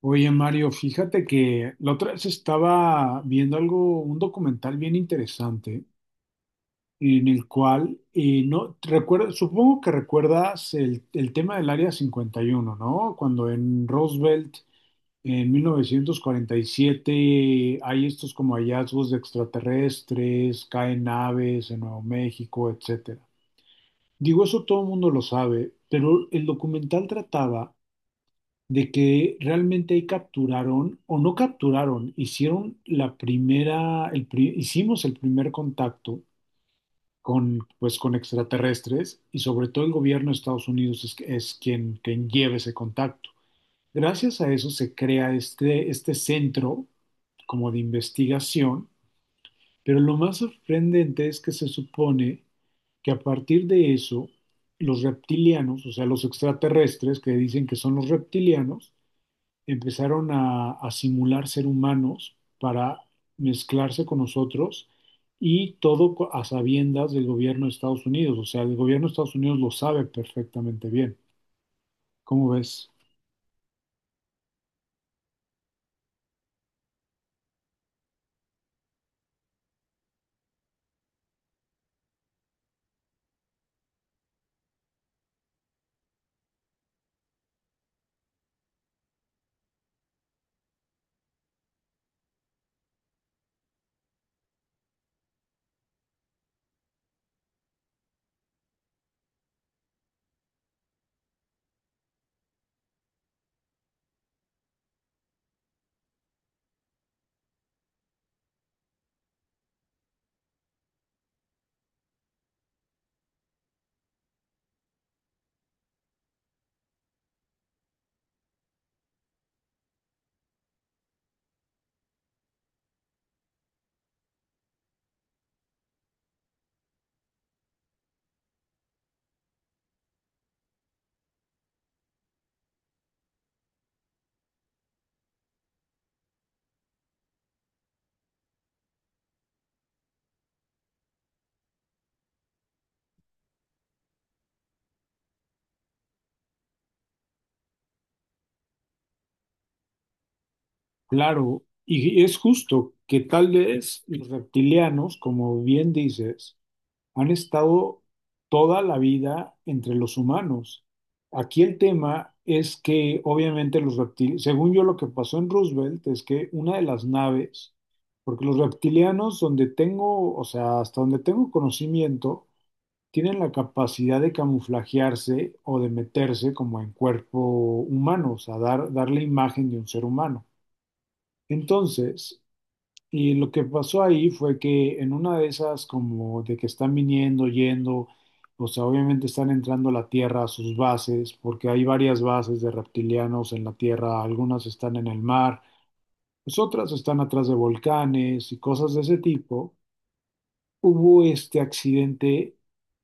Oye, Mario, fíjate que la otra vez estaba viendo algo, un documental bien interesante, en el cual, no, recuerda, supongo que recuerdas el tema del Área 51, ¿no? Cuando en Roosevelt, en 1947 hay estos como hallazgos de extraterrestres, caen naves en Nuevo México, etcétera. Digo, eso todo el mundo lo sabe, pero el documental trataba de que realmente ahí capturaron o no capturaron, hicieron la primera, hicimos el primer contacto con, pues, con extraterrestres y sobre todo el gobierno de Estados Unidos es quien lleva ese contacto. Gracias a eso se crea este centro como de investigación, pero lo más sorprendente es que se supone que a partir de eso, los reptilianos, o sea, los extraterrestres que dicen que son los reptilianos, empezaron a simular ser humanos para mezclarse con nosotros y todo a sabiendas del gobierno de Estados Unidos. O sea, el gobierno de Estados Unidos lo sabe perfectamente bien. ¿Cómo ves? Claro, y es justo que tal vez los reptilianos, como bien dices, han estado toda la vida entre los humanos. Aquí el tema es que obviamente los reptiles, según yo lo que pasó en Roosevelt es que una de las naves, porque los reptilianos donde tengo, o sea, hasta donde tengo conocimiento, tienen la capacidad de camuflajearse o de meterse como en cuerpo humano, o sea, dar la imagen de un ser humano. Entonces, y lo que pasó ahí fue que en una de esas, como de que están viniendo, yendo, o sea, obviamente están entrando a la Tierra a sus bases, porque hay varias bases de reptilianos en la Tierra, algunas están en el mar, pues otras están atrás de volcanes y cosas de ese tipo. Hubo este accidente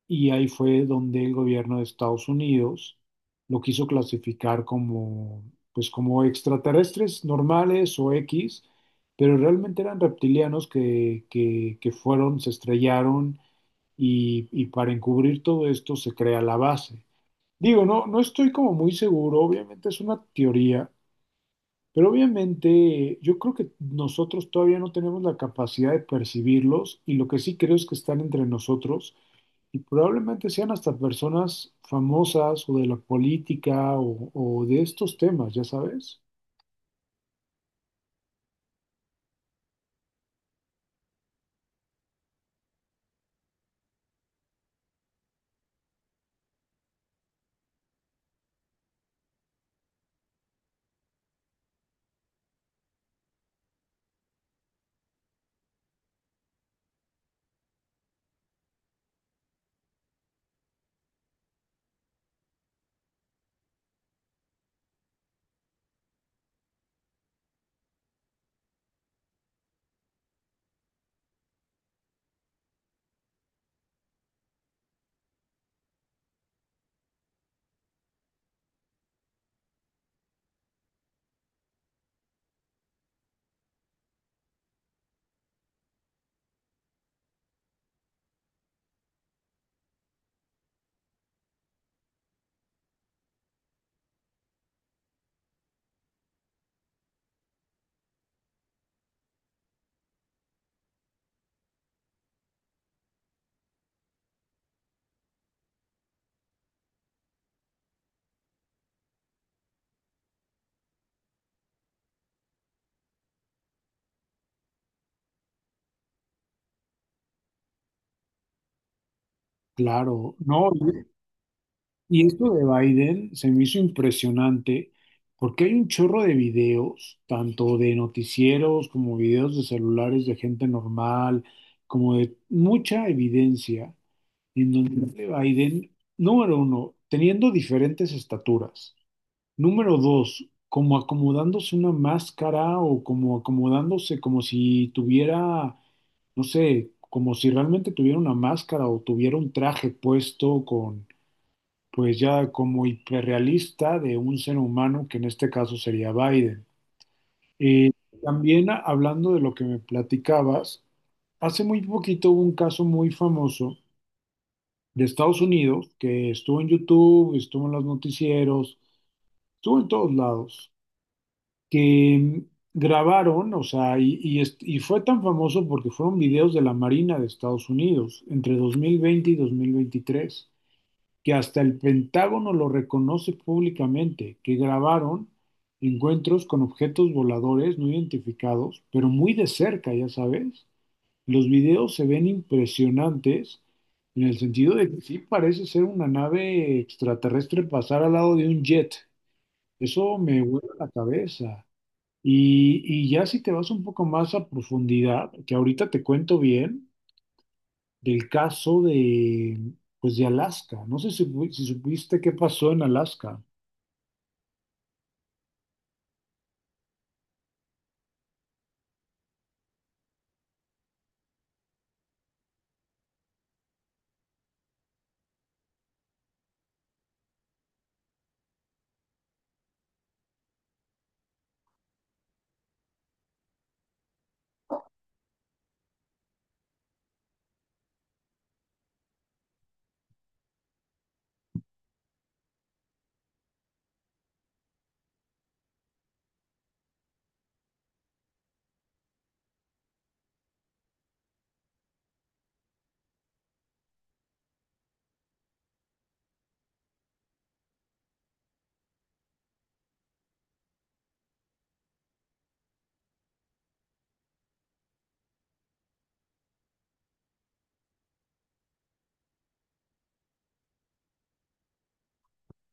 y ahí fue donde el gobierno de Estados Unidos lo quiso clasificar como, pues como extraterrestres normales o X, pero realmente eran reptilianos que fueron, se estrellaron y para encubrir todo esto se crea la base. Digo, no, no estoy como muy seguro, obviamente es una teoría, pero obviamente yo creo que nosotros todavía no tenemos la capacidad de percibirlos y lo que sí creo es que están entre nosotros y probablemente sean hasta personas famosas o de la política o de estos temas, ya sabes. Claro, no, y esto de Biden se me hizo impresionante porque hay un chorro de videos, tanto de noticieros como videos de celulares de gente normal, como de mucha evidencia en donde Biden, número uno, teniendo diferentes estaturas. Número dos, como acomodándose una máscara o como acomodándose como si tuviera, no sé, como si realmente tuviera una máscara o tuviera un traje puesto con, pues ya como hiperrealista de un ser humano, que en este caso sería Biden. Eh, También hablando de lo que me platicabas, hace muy poquito hubo un caso muy famoso de Estados Unidos, que estuvo en YouTube, estuvo en los noticieros, estuvo en todos lados, que grabaron, o sea, y fue tan famoso porque fueron videos de la Marina de Estados Unidos entre 2020 y 2023 que hasta el Pentágono lo reconoce públicamente, que grabaron encuentros con objetos voladores no identificados, pero muy de cerca, ya sabes. Los videos se ven impresionantes en el sentido de que sí parece ser una nave extraterrestre pasar al lado de un jet. Eso me vuela la cabeza. Y ya si te vas un poco más a profundidad, que ahorita te cuento bien del caso de, pues de Alaska. No sé si, si supiste qué pasó en Alaska.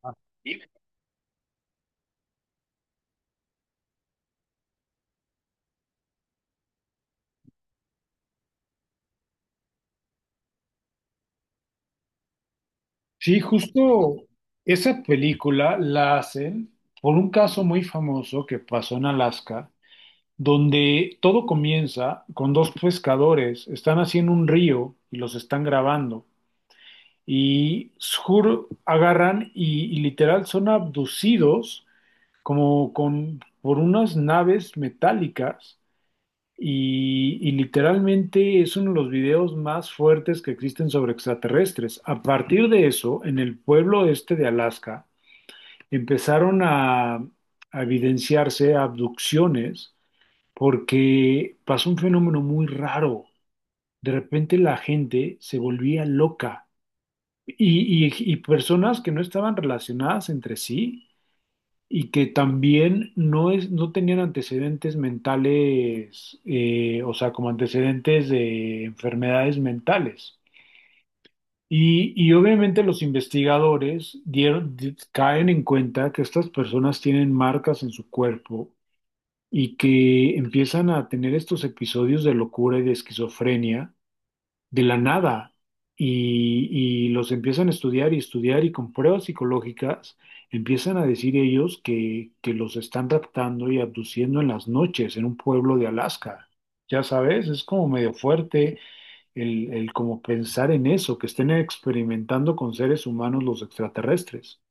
Ah, sí, sí, justo esa película la hacen por un caso muy famoso que pasó en Alaska donde todo comienza con dos pescadores, están haciendo un río y los están grabando. Y Shur agarran y, literal son abducidos como con, por unas naves metálicas y, literalmente es uno de los videos más fuertes que existen sobre extraterrestres. A partir de eso, en el pueblo este de Alaska, empezaron a evidenciarse abducciones porque pasó un fenómeno muy raro. De repente la gente se volvía loca y personas que no estaban relacionadas entre sí y que también no, es, no tenían antecedentes mentales, o sea, como antecedentes de enfermedades mentales. Y obviamente los investigadores caen en cuenta que estas personas tienen marcas en su cuerpo y que empiezan a tener estos episodios de locura y de esquizofrenia de la nada y los empiezan a estudiar y estudiar y con pruebas psicológicas empiezan a decir ellos que los están raptando y abduciendo en las noches en un pueblo de Alaska. Ya sabes, es como medio fuerte el como pensar en eso, que estén experimentando con seres humanos los extraterrestres.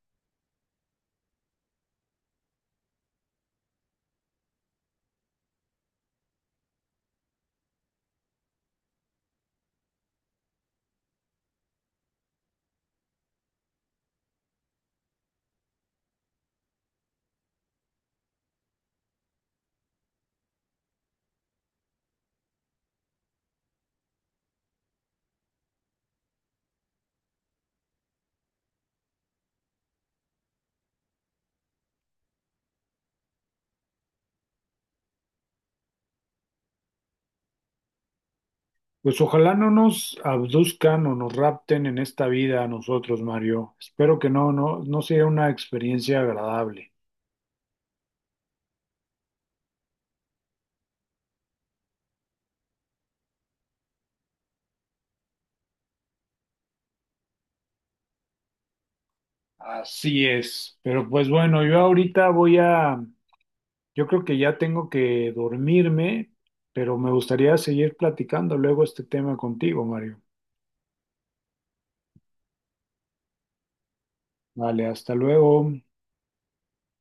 Pues ojalá no nos abduzcan o nos rapten en esta vida a nosotros, Mario. Espero que no, no, no sea una experiencia agradable. Así es. Pero pues bueno, yo ahorita yo creo que ya tengo que dormirme, pero me gustaría seguir platicando luego este tema contigo, Mario. Vale, hasta luego.